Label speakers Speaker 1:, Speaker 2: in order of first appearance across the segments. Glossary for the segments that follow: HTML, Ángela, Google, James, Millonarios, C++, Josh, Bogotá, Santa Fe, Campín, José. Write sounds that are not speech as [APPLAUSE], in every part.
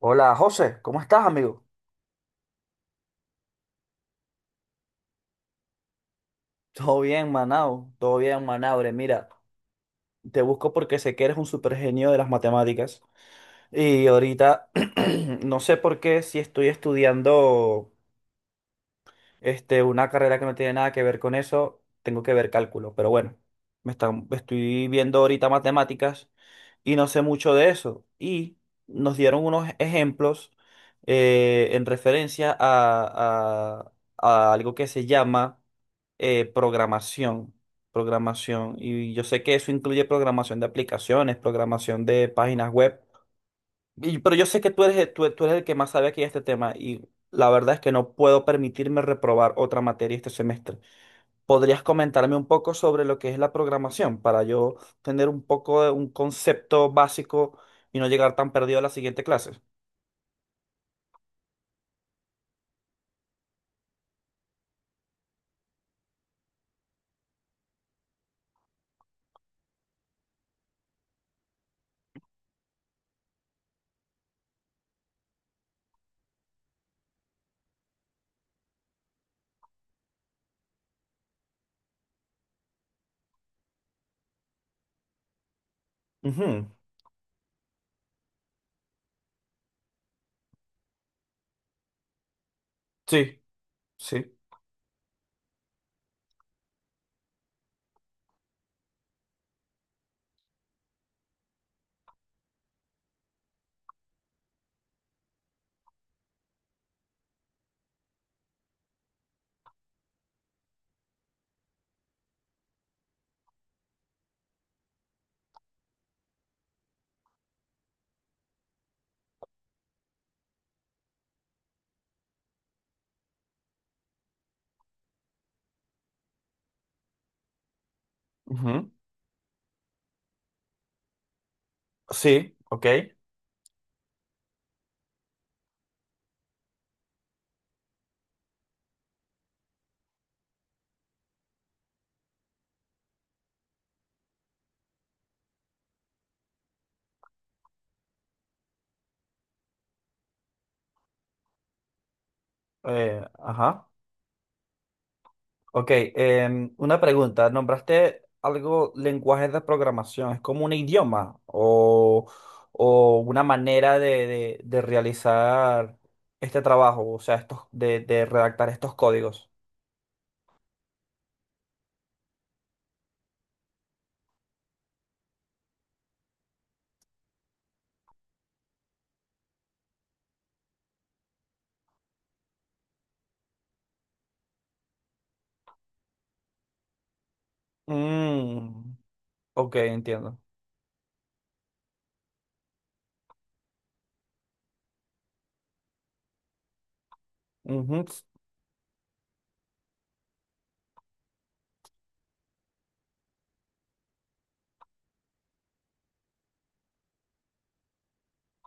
Speaker 1: Hola José, ¿cómo estás, amigo? Todo bien, Manao, todo bien, Manabre. Mira, te busco porque sé que eres un super genio de las matemáticas. Y ahorita [CLEARS THROAT] no sé por qué, si estoy estudiando una carrera que no tiene nada que ver con eso, tengo que ver cálculo. Pero bueno, estoy viendo ahorita matemáticas y no sé mucho de eso. Y nos dieron unos ejemplos en referencia a algo que se llama programación. Programación. Y yo sé que eso incluye programación de aplicaciones, programación de páginas web. Pero yo sé que tú eres el que más sabe aquí de este tema y la verdad es que no puedo permitirme reprobar otra materia este semestre. ¿Podrías comentarme un poco sobre lo que es la programación para yo tener un poco de un concepto básico y no llegar tan perdido a la siguiente clase? Ujú. Sí, sí. Ujú. Sí, ok. Ajá. Ok, una pregunta. ¿Nombraste algo lenguajes de programación? ¿Es como un idioma o una manera de realizar este trabajo? O sea, estos, de redactar estos códigos. Mm, ok, entiendo. Ujú.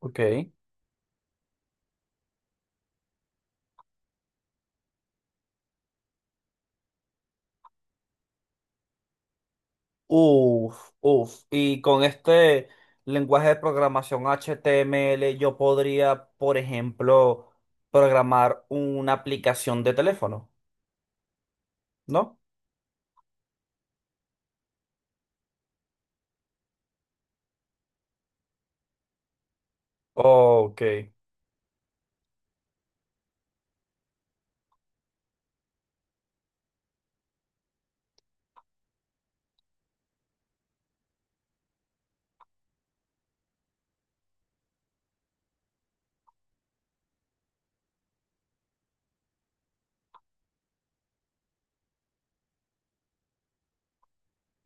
Speaker 1: Ok. Uf, uf. Y con este lenguaje de programación HTML, yo podría, por ejemplo, programar una aplicación de teléfono. ¿No? Ok.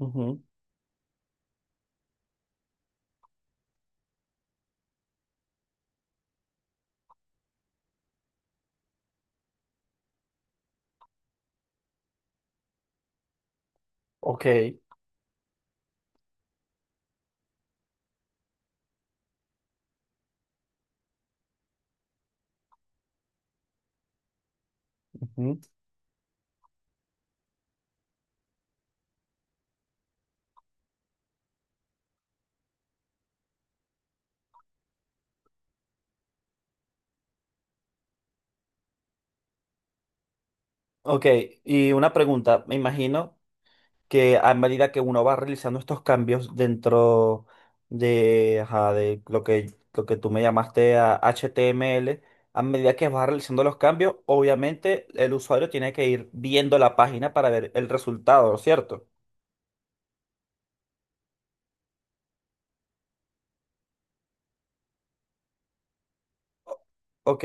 Speaker 1: Ujú. Ok. Ujú. Ok, y una pregunta, me imagino que a medida que uno va realizando estos cambios dentro de, ajá, lo que tú me llamaste a HTML, a medida que vas realizando los cambios, obviamente el usuario tiene que ir viendo la página para ver el resultado, ¿cierto? Ok,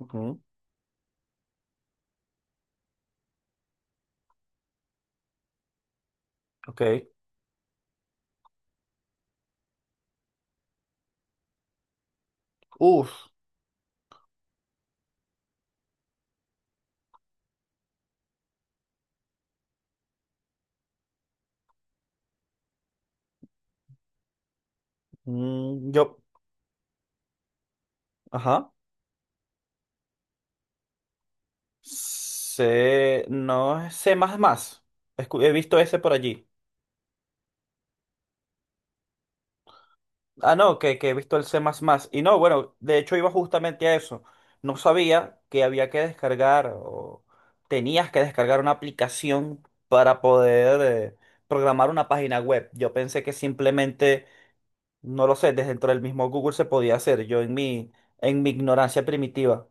Speaker 1: ujú, ok. Uf. Mm, yo, ajá. Sé, no es C++. He visto ese por allí. Ah, no, que he visto el C++. Y no, bueno, de hecho iba justamente a eso. No sabía que había que descargar o tenías que descargar una aplicación para poder eh, programar una página web. Yo pensé que simplemente, no lo sé, desde dentro del mismo Google se podía hacer. En mi ignorancia primitiva.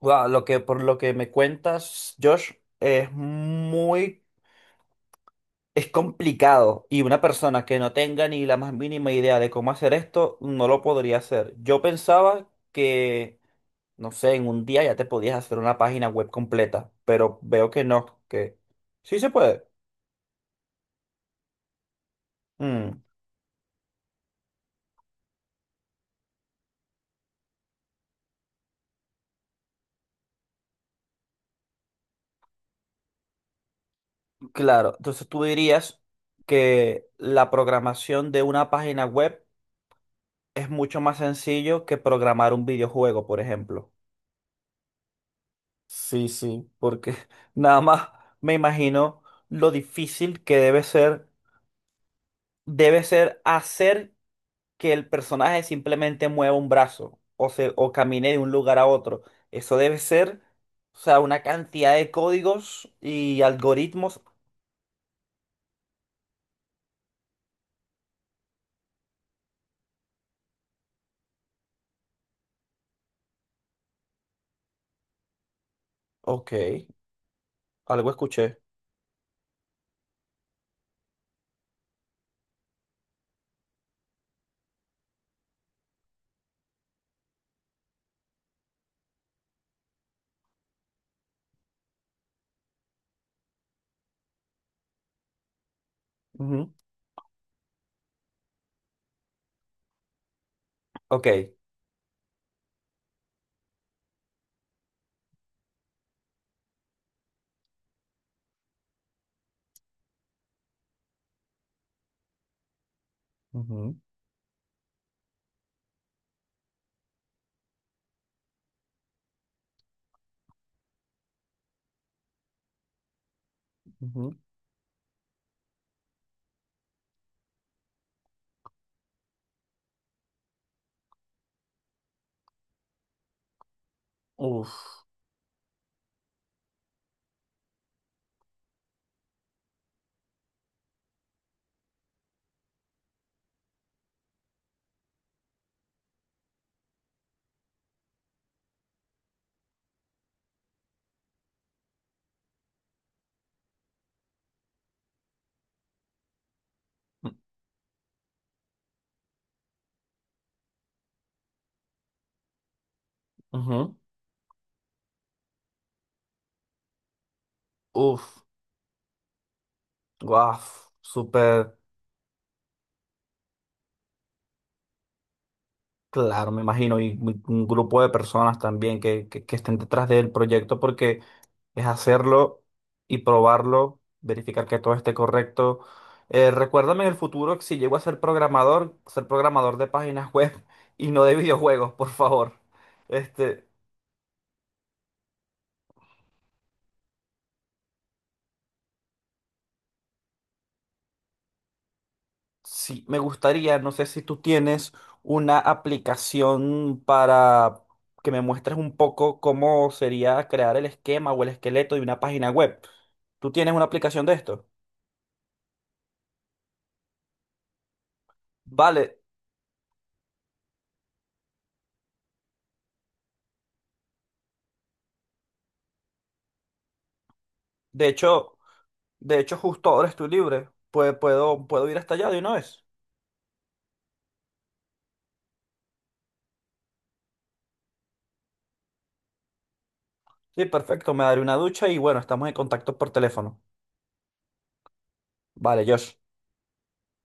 Speaker 1: Guau, por lo que me cuentas, Josh, es muy. Es complicado y una persona que no tenga ni la más mínima idea de cómo hacer esto no lo podría hacer. Yo pensaba que, no sé, en un día ya te podías hacer una página web completa, pero veo que no, que sí se puede. Mm, claro, entonces tú dirías que la programación de una página web es mucho más sencillo que programar un videojuego, por ejemplo. Sí, sí, porque [LAUGHS] nada más me imagino lo difícil que debe ser hacer que el personaje simplemente mueva un brazo o camine de un lugar a otro. Eso debe ser, o sea, una cantidad de códigos y algoritmos. Ok, algo escuché. Ujú. Ok. Ujú, ujú. Uf. Mm, ujú. Uf. Guau. Súper claro, me imagino. Y un grupo de personas también que, que estén detrás del proyecto porque es hacerlo y probarlo, verificar que todo esté correcto. Recuérdame en el futuro que si llego a ser programador de páginas [LAUGHS] web y no de videojuegos, por favor. Este, sí, me gustaría, no sé si tú tienes una aplicación para que me muestres un poco cómo sería crear el esquema o el esqueleto de una página web. ¿Tú tienes una aplicación de esto? Vale, de hecho, de hecho justo ahora estoy libre. Puedo ir hasta allá de una vez. Sí, perfecto, me daré una ducha y bueno, estamos en contacto por teléfono. Vale, Josh.